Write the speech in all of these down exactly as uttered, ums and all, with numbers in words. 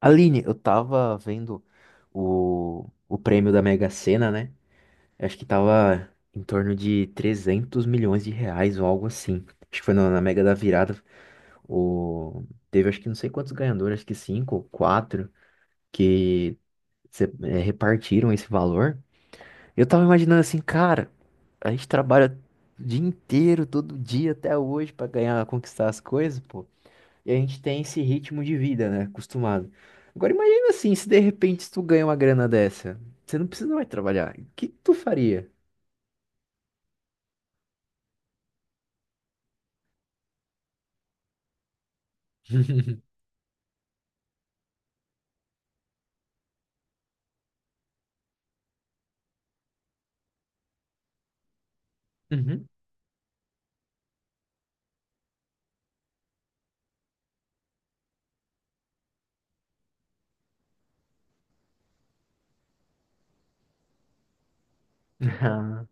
Aline, eu tava vendo o, o prêmio da Mega Sena, né? Acho que tava em torno de trezentos milhões de reais ou algo assim. Acho que foi na, na Mega da Virada. O, Teve acho que não sei quantos ganhadores, acho que cinco ou quatro, que se- eh, repartiram esse valor. Eu tava imaginando assim, cara, a gente trabalha o dia inteiro, todo dia até hoje pra ganhar, conquistar as coisas, pô. E a gente tem esse ritmo de vida, né? Acostumado. Agora imagina assim, se de repente tu ganha uma grana dessa, você não precisa mais trabalhar. O que que tu faria? Uhum. Ah.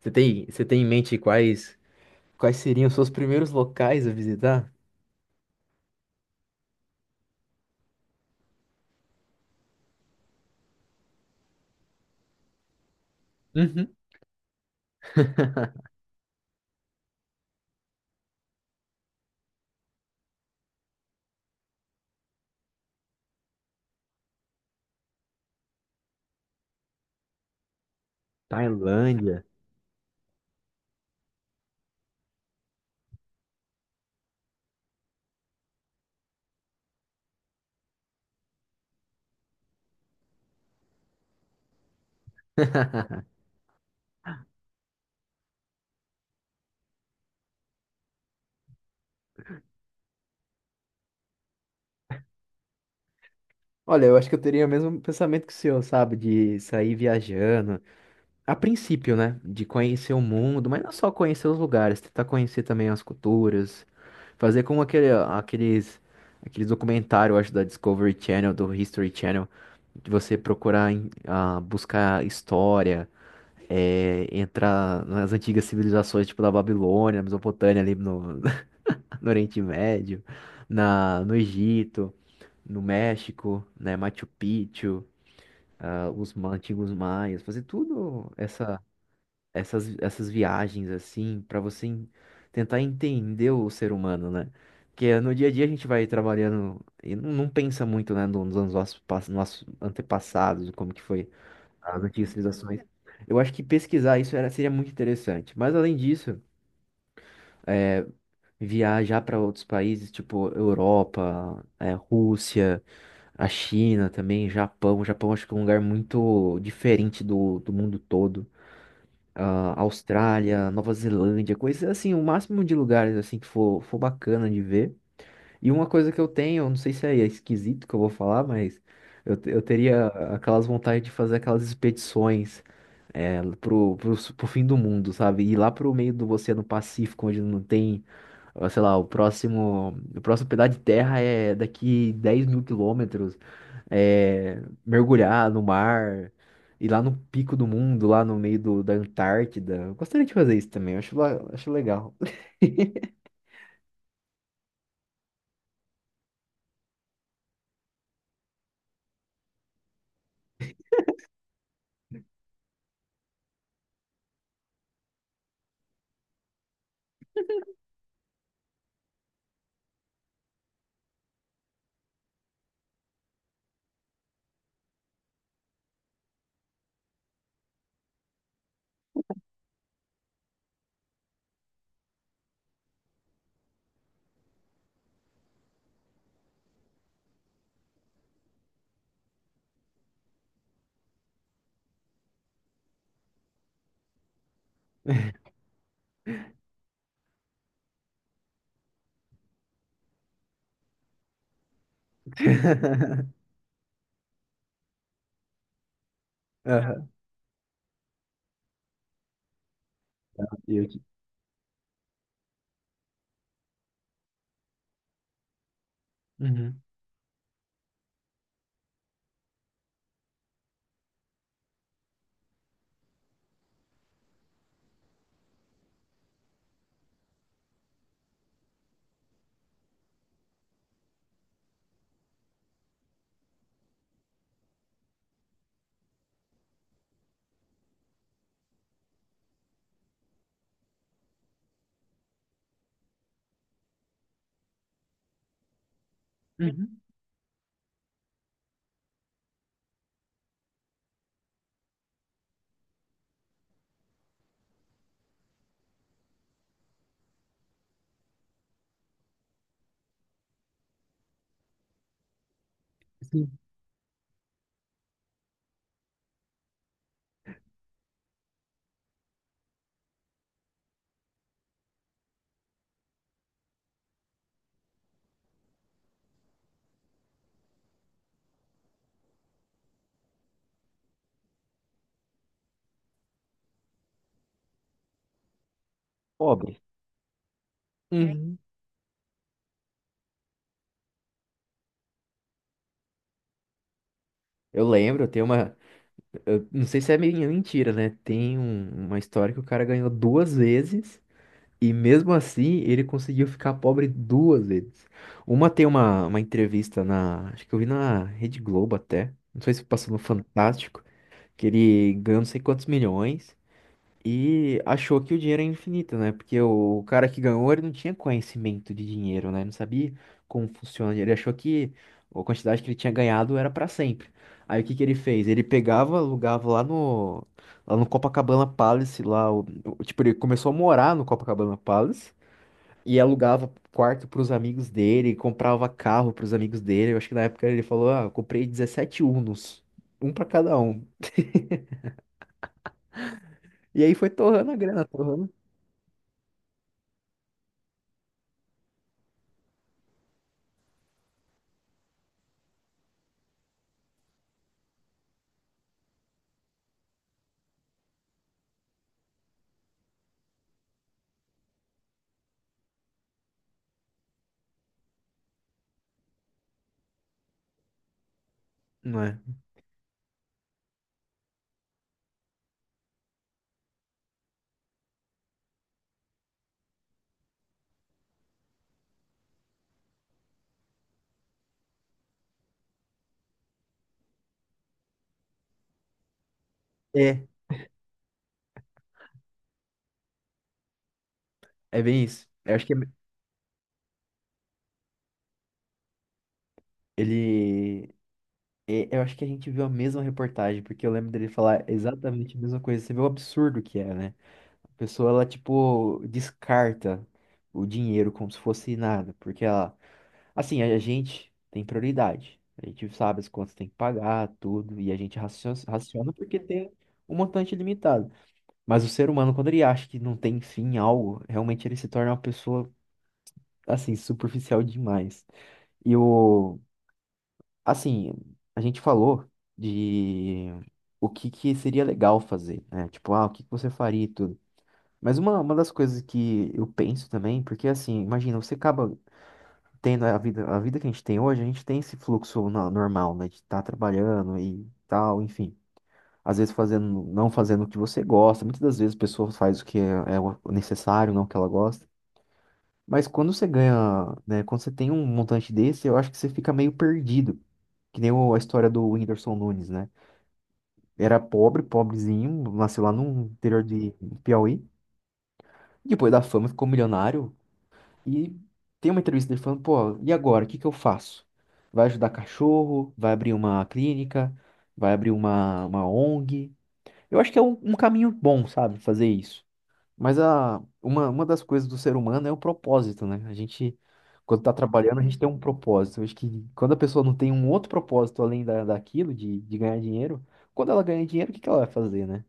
Você tem, você tem em mente quais, quais seriam os seus primeiros locais a visitar? Uhum. Tailândia. Olha, eu acho que eu teria o mesmo pensamento que o senhor, sabe? De sair viajando, a princípio, né? De conhecer o mundo, mas não só conhecer os lugares, tentar conhecer também as culturas, fazer como aquele, aqueles, aqueles documentários, eu acho, da Discovery Channel, do History Channel, de você procurar em- ah, buscar história, eh, entrar nas antigas civilizações, tipo da Babilônia, Mesopotâmia, ali no, no Oriente Médio, na, no Egito, no México, né? Machu Picchu, ah, os ma- antigos maias, fazer tudo essa essas, essas viagens assim, pra você en- tentar entender o ser humano, né? Porque no dia a dia a gente vai trabalhando e não, não pensa muito, né, no- nos nossos, pass- nossos antepassados, como que foi as antigas civilizações. Eu acho que pesquisar isso era, seria muito interessante. Mas além disso, é, viajar para outros países, tipo Europa, é, Rússia, a China também, Japão. O Japão acho que é um lugar muito diferente do, do mundo todo. ah, Austrália, Nova Zelândia, coisas assim, o máximo de lugares assim que for, for bacana de ver. E uma coisa que eu tenho, eu não sei se é esquisito que eu vou falar, mas eu, te- eu teria aquelas vontade de fazer aquelas expedições é, pro, pro, pro fim do mundo, sabe? Ir lá pro meio do Oceano Pacífico, onde não tem ou, Sei lá, o próximo, o próximo pedaço de terra é daqui dez mil quilômetros, é, mergulhar no mar, ir lá no pico do mundo, lá no meio do- da Antártida. Eu gostaria de fazer isso também, eu acho, la- acho legal. Aham, eu que- Uhum. Uhum. Sim. Pobre. Uhum. Eu lembro, tem uma. Eu não sei se é meio mentira, né? Tem um- uma história que o cara ganhou duas vezes. E mesmo assim, ele conseguiu ficar pobre duas vezes. Uma tem uma, uma entrevista na. Acho que eu vi na Rede Globo até. Não sei se passou no Fantástico. Que ele ganhou não sei quantos milhões. E achou que o dinheiro é infinito, né? Porque o cara que ganhou, ele não tinha conhecimento de dinheiro, né? Ele não sabia como funciona. Ele achou que a quantidade que ele tinha ganhado era pra sempre. Aí o que que ele fez? Ele pegava, alugava lá no, lá no Copacabana Palace, lá. O- o- tipo, ele começou a morar no Copacabana Palace. E alugava quarto pros amigos dele, comprava carro pros amigos dele. Eu acho que na época ele falou, ah, eu comprei dezessete Unos, um pra cada um. E aí foi torrando a grana, torrando. Não é? É. É bem isso. Eu acho que ele. é, Eu acho que a gente viu a mesma reportagem, porque eu lembro dele falar exatamente a mesma coisa. Você vê o absurdo que é, né? A pessoa, ela, tipo, descarta o dinheiro como se fosse nada, porque ela. Assim, a gente tem prioridade. A gente sabe as contas tem que pagar, tudo, e a gente racio- raciona porque tem um montante limitado. Mas o ser humano, quando ele acha que não tem fim em algo, realmente ele se torna uma pessoa, assim, superficial demais. E o, assim, a gente falou de o que que seria legal fazer, né? Tipo, ah, o que que você faria e tudo. Mas uma, uma das coisas que eu penso também, porque assim, imagina, você acaba tendo a vida, a vida que a gente tem hoje, a gente tem esse fluxo no- normal, né? De estar trabalhando e tal, enfim. Às vezes fazendo, não fazendo o que você gosta. Muitas das vezes a pessoa faz o que é, é o necessário, não o que ela gosta. Mas quando você ganha, né? Quando você tem um montante desse, eu acho que você fica meio perdido. Que nem o- a história do Whindersson Nunes, né? Era pobre, pobrezinho, nasceu lá no interior de Piauí. Depois da fama ficou milionário. E tem uma entrevista dele falando, pô, e agora, o que que eu faço? Vai ajudar cachorro? Vai abrir uma clínica? Vai abrir uma, uma ONG? Eu acho que é um, um caminho bom, sabe, fazer isso. Mas a, uma, uma das coisas do ser humano é o propósito, né? A gente, quando tá trabalhando, a gente tem um propósito. Eu acho que quando a pessoa não tem um outro propósito além da, daquilo, de, de ganhar dinheiro, quando ela ganha dinheiro, o que que ela vai fazer, né?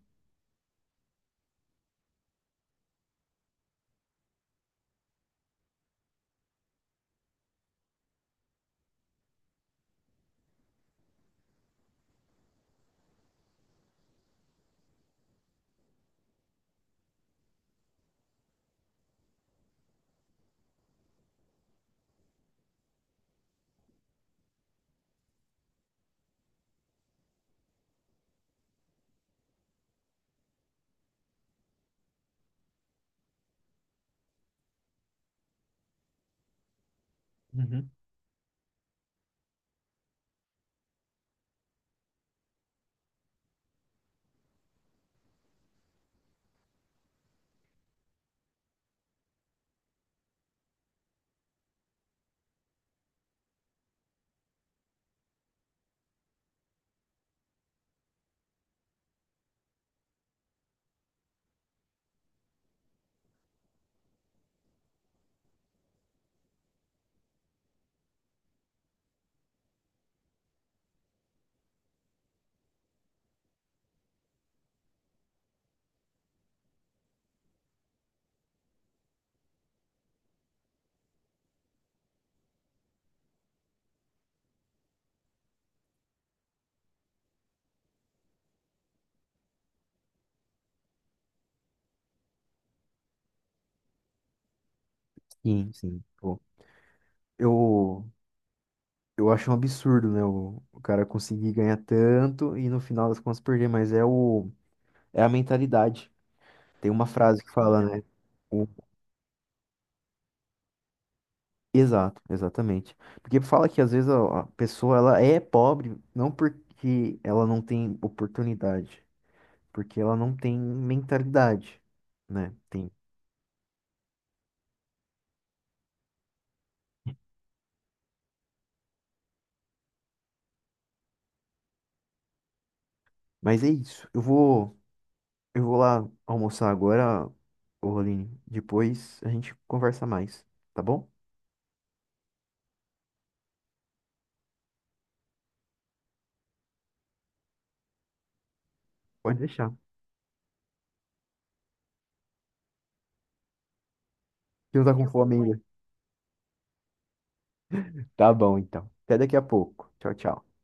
Uhum. Sim, sim. Pô, eu Eu acho um absurdo, né? O, o cara conseguir ganhar tanto e no final das contas perder, mas é o é a mentalidade. Tem uma frase que fala, né? o- Exato, exatamente. Porque fala que às vezes a, a pessoa ela é pobre não porque ela não tem oportunidade, porque ela não tem mentalidade, né? Tem. Mas é isso. Eu vou eu vou lá almoçar agora, ô Aline. Depois a gente conversa mais, tá bom? Pode deixar. Você não tá com fome ainda. Tá bom, então. Até daqui a pouco. Tchau, tchau.